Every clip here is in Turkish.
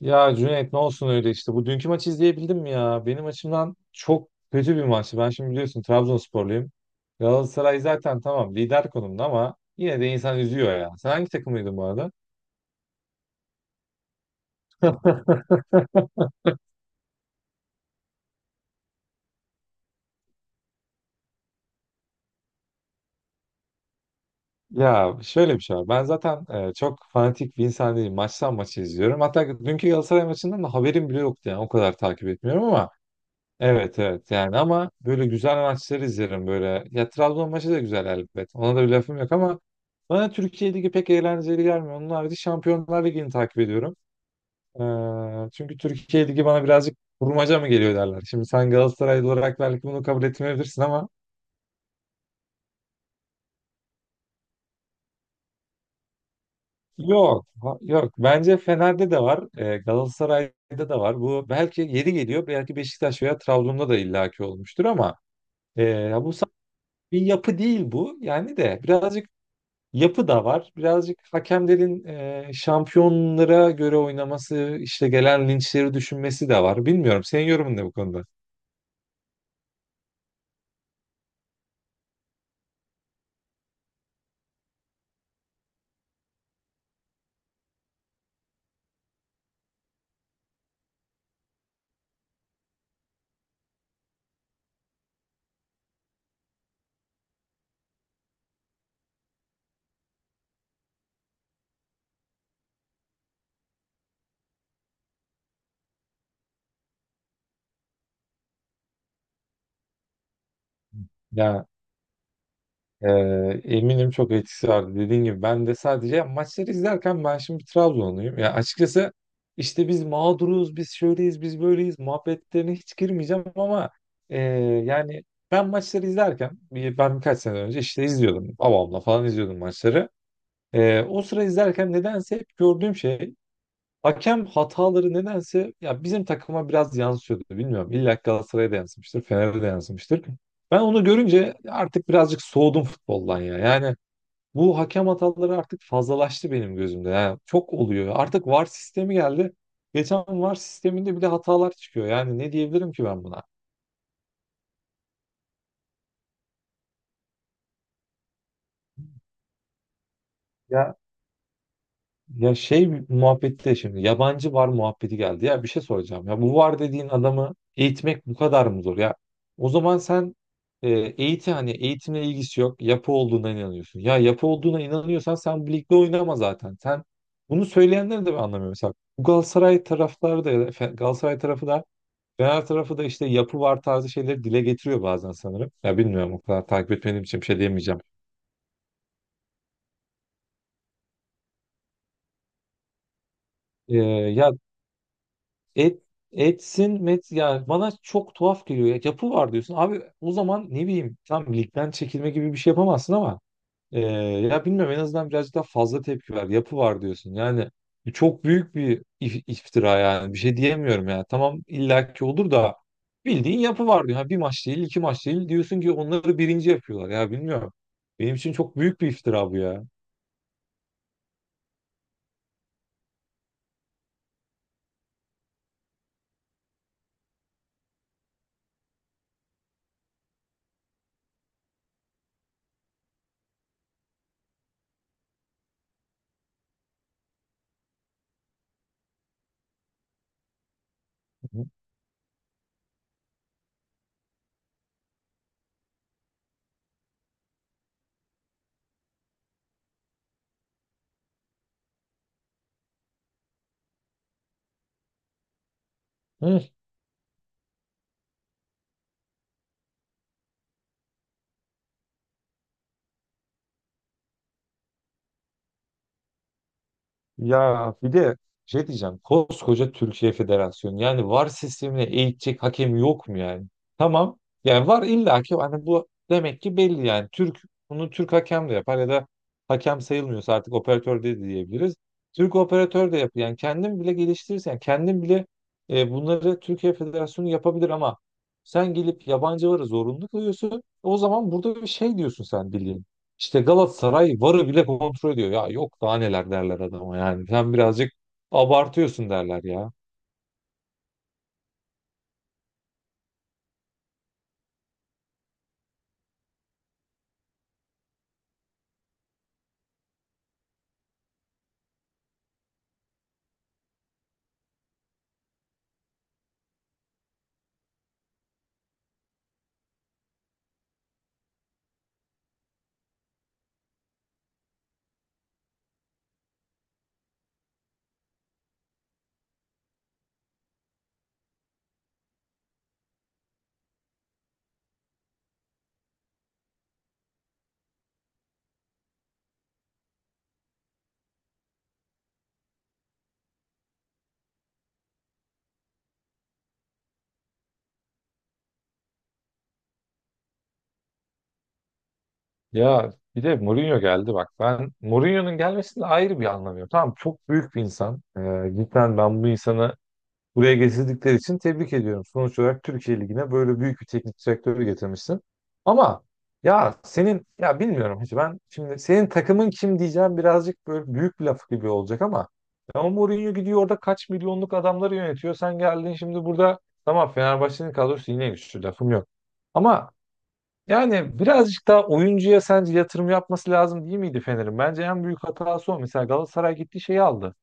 Ya Cüneyt ne olsun öyle işte. Bu dünkü maçı izleyebildin mi ya? Benim açımdan çok kötü bir maçtı. Ben şimdi biliyorsun Trabzonsporluyum. Galatasaray zaten tamam lider konumda ama yine de insan üzüyor ya. Sen hangi takımıydın bu arada? Ya şöyle bir şey var. Ben zaten çok fanatik bir insan değilim. Maçtan maçı izliyorum. Hatta dünkü Galatasaray maçından da haberim bile yoktu yani. O kadar takip etmiyorum ama. Evet, evet, yani ama böyle güzel maçları izlerim böyle. Ya Trabzon maçı da güzel elbet. Ona da bir lafım yok ama bana Türkiye Ligi pek eğlenceli gelmiyor. Onun harici Şampiyonlar Ligi'ni takip ediyorum. Çünkü Türkiye Ligi bana birazcık kurmaca mı geliyor derler. Şimdi sen Galatasaraylı olarak belki bunu kabul etmeyebilirsin ama. Yok, yok. Bence Fener'de de var. Galatasaray'da da var. Bu belki yeri geliyor. Belki Beşiktaş veya Trabzon'da da illaki olmuştur ama e, ya bu sa- bir yapı değil bu. Yani de birazcık yapı da var. Birazcık hakemlerin şampiyonlara göre oynaması, işte gelen linçleri düşünmesi de var. Bilmiyorum. Senin yorumun ne bu konuda? Ya, e, eminim çok etkisi vardı. Dediğin gibi ben de sadece maçları izlerken ben şimdi Trabzonluyum. Ya, açıkçası işte biz mağduruz, biz şöyleyiz, biz böyleyiz muhabbetlerine hiç girmeyeceğim ama e, yani ben maçları izlerken ben birkaç sene önce işte izliyordum. Babamla falan izliyordum maçları. O sıra izlerken nedense hep gördüğüm şey, hakem hataları nedense ya bizim takıma biraz yansıyordu, bilmiyorum. İlla ki Galatasaray'a da yansımıştır, Fener'e de yansımıştır. Ben onu görünce artık birazcık soğudum futboldan ya. Yani bu hakem hataları artık fazlalaştı benim gözümde. Yani çok oluyor. Artık VAR sistemi geldi. Geçen VAR sisteminde bile hatalar çıkıyor. Yani ne diyebilirim ki ben buna? Ya Ya şey muhabbeti de şimdi yabancı var muhabbeti geldi. Ya, bir şey soracağım. Ya bu var dediğin adamı eğitmek bu kadar mı zor? Ya, o zaman sen, e, eğitim hani eğitimle ilgisi yok. Yapı olduğuna inanıyorsun. Ya, yapı olduğuna inanıyorsan sen bu ligde oynama zaten. Sen bunu söyleyenleri de ben anlamıyorum. Mesela bu Galatasaray taraftarı da ya da Galatasaray tarafı da Fener tarafı da işte yapı var tarzı şeyleri dile getiriyor bazen sanırım. Ya, bilmiyorum, o kadar takip etmediğim için bir şey diyemeyeceğim. E, ya Et, Etsin met yani bana çok tuhaf geliyor. Ya, yapı var diyorsun. Abi o zaman ne bileyim tam ligden çekilme gibi bir şey yapamazsın ama ya, bilmiyorum, en azından birazcık daha fazla tepki ver. Yapı var diyorsun. Yani çok büyük bir iftira yani. Bir şey diyemiyorum yani. Tamam illaki olur da bildiğin yapı var diyor. Ha, bir maç değil, iki maç değil diyorsun ki onları birinci yapıyorlar. Ya, bilmiyorum. Benim için çok büyük bir iftira bu ya. Hı. Ya, bir de şey diyeceğim. Koskoca Türkiye Federasyonu. Yani VAR sistemine eğitecek hakem yok mu yani? Tamam. Yani VAR illaki hani bu demek ki belli yani. Bunu Türk hakem de yapar ya da hakem sayılmıyorsa artık operatör de diyebiliriz. Türk operatör de yapıyor. Yani kendin bile geliştirirsen, yani kendin bile bunları Türkiye Federasyonu yapabilir ama sen gelip yabancı VAR'a zorunlu kılıyorsun. O zaman burada bir şey diyorsun sen bildiğin. İşte Galatasaray VAR'ı bile kontrol ediyor. Ya, yok daha neler derler adama yani. Sen birazcık abartıyorsun derler ya. Ya bir de Mourinho geldi bak. Ben Mourinho'nun gelmesinde ayrı bir anlamıyorum. Tamam, çok büyük bir insan. Cidden ben bu insanı buraya getirdikleri için tebrik ediyorum. Sonuç olarak Türkiye Ligi'ne böyle büyük bir teknik direktörü getirmişsin. Ama ya senin, ya bilmiyorum, hiç ben şimdi senin takımın kim diyeceğim, birazcık böyle büyük bir laf gibi olacak ama ya o Mourinho gidiyor orada kaç milyonluk adamları yönetiyor. Sen geldin şimdi burada, tamam Fenerbahçe'nin kadrosu yine güçlü, lafım yok. Ama yani birazcık daha oyuncuya sence yatırım yapması lazım değil miydi Fener'in? Bence en büyük hatası o. Mesela Galatasaray gitti şeyi aldı.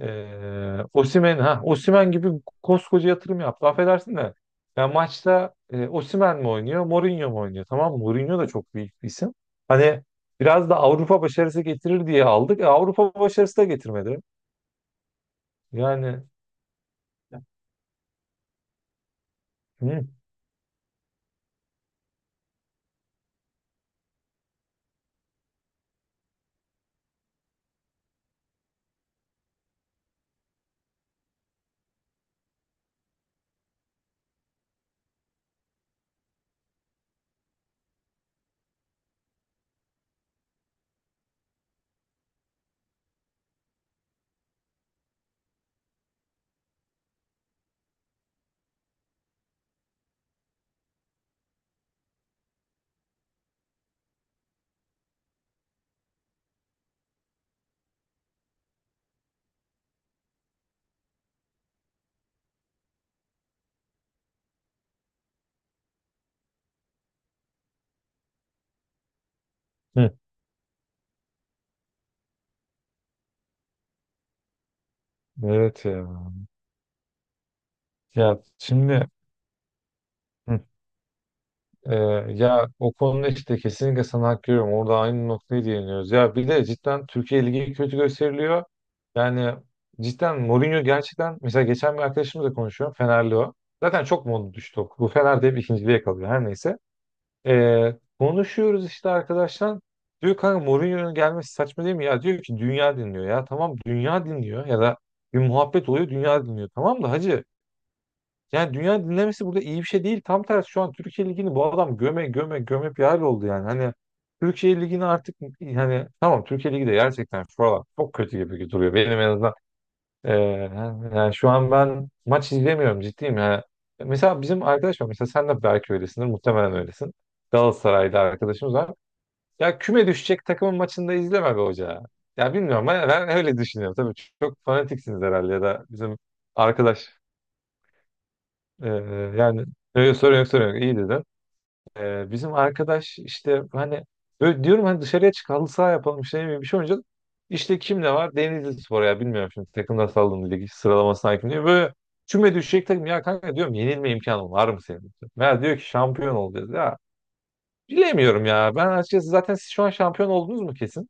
Osimhen, ha, Osimhen gibi koskoca yatırım yaptı. Affedersin de. Ya maçta Osimhen mi oynuyor, Mourinho mu oynuyor? Tamam mı? Mourinho da çok büyük bir isim. Hani biraz da Avrupa başarısı getirir diye aldık. Avrupa başarısı da getirmedi. Yani, hı, hı. Evet ya. Ya şimdi, hı. Ee, Ya, o konuda işte kesinlikle sana hak veriyorum. Orada aynı noktaya değiniyoruz. Ya bir de cidden Türkiye Ligi kötü gösteriliyor. Yani cidden Mourinho gerçekten, mesela geçen bir arkadaşımla konuşuyorum. Fenerli o. Zaten çok modu düştü o. Bu Fener de hep ikinciliğe kalıyor. Her neyse. Ee, Konuşuyoruz işte arkadaşlar. Diyor kanka, Mourinho'nun gelmesi saçma değil mi? Ya diyor ki dünya dinliyor. Ya tamam, dünya dinliyor. Ya da bir muhabbet oluyor, dünya dinliyor. Tamam da hacı, yani dünya dinlemesi burada iyi bir şey değil. Tam tersi, şu an Türkiye Ligi'ni bu adam göme göme göme bir hal oldu yani. Hani Türkiye Ligi'ni artık, hani tamam Türkiye Ligi de gerçekten şu aralar çok kötü gibi duruyor. Benim en azından e, yani şu an ben maç izlemiyorum, ciddiyim yani. Mesela bizim arkadaş var. Mesela sen de belki öylesindir. Muhtemelen öylesin. Galatasaray'da arkadaşımız var. Ya küme düşecek takımın maçında izleme be hoca. Ya bilmiyorum, ben öyle düşünüyorum. Tabii çok fanatiksiniz herhalde ya da bizim arkadaş. ee, Yani, yok, sorun yok, sorun yok, iyi dedin. Bizim arkadaş işte, hani böyle diyorum, hani dışarıya çık halı saha yapalım, işte ne bileyim, bir şey oynayacağız. İşte kim ne var? Denizli Spor, ya bilmiyorum şimdi takımlar, saldım lig sıralamasına hakim değil. Böyle küme düşecek takım, ya kanka diyorum, yenilme imkanı var mı senin? Meğer diyor ki şampiyon olacağız ya. Bilemiyorum ya ben açıkçası, zaten siz şu an şampiyon oldunuz mu kesin?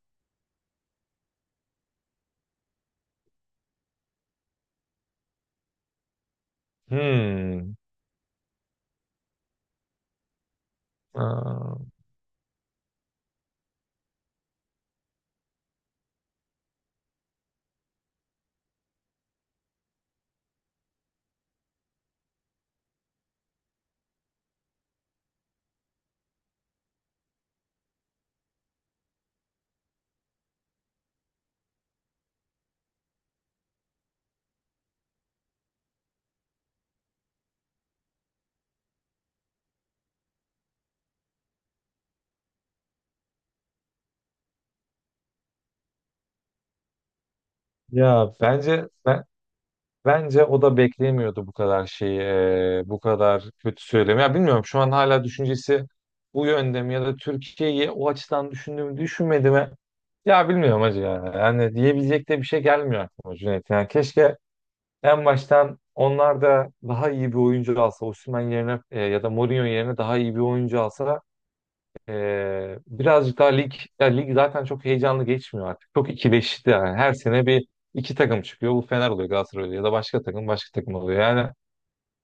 Hmm. Aa, Ya, bence o da beklemiyordu bu kadar şeyi, bu kadar kötü söylemi. Ya bilmiyorum şu an hala düşüncesi bu yönde mi ya da Türkiye'yi o açıdan düşündü mü düşünmedi mi? Ya bilmiyorum hacı ya. Yani diyebilecek de bir şey gelmiyor aklıma Cüneyt. Yani keşke en baştan onlar da daha iyi bir oyuncu alsa, Osimhen yerine, ya da Mourinho yerine daha iyi bir oyuncu alsa, ee, birazcık daha lig, ya lig zaten çok heyecanlı geçmiyor artık. Çok ikileşti yani. Her sene bir iki takım çıkıyor. Bu Fener oluyor, Galatasaray oluyor ya da başka takım, başka takım oluyor. Yani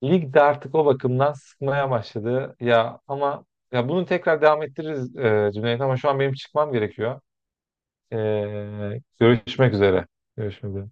lig de artık o bakımdan sıkmaya başladı. Ya ama ya bunu tekrar devam ettiririz Cüneyt, ama şu an benim çıkmam gerekiyor. Görüşmek üzere. Görüşmek üzere.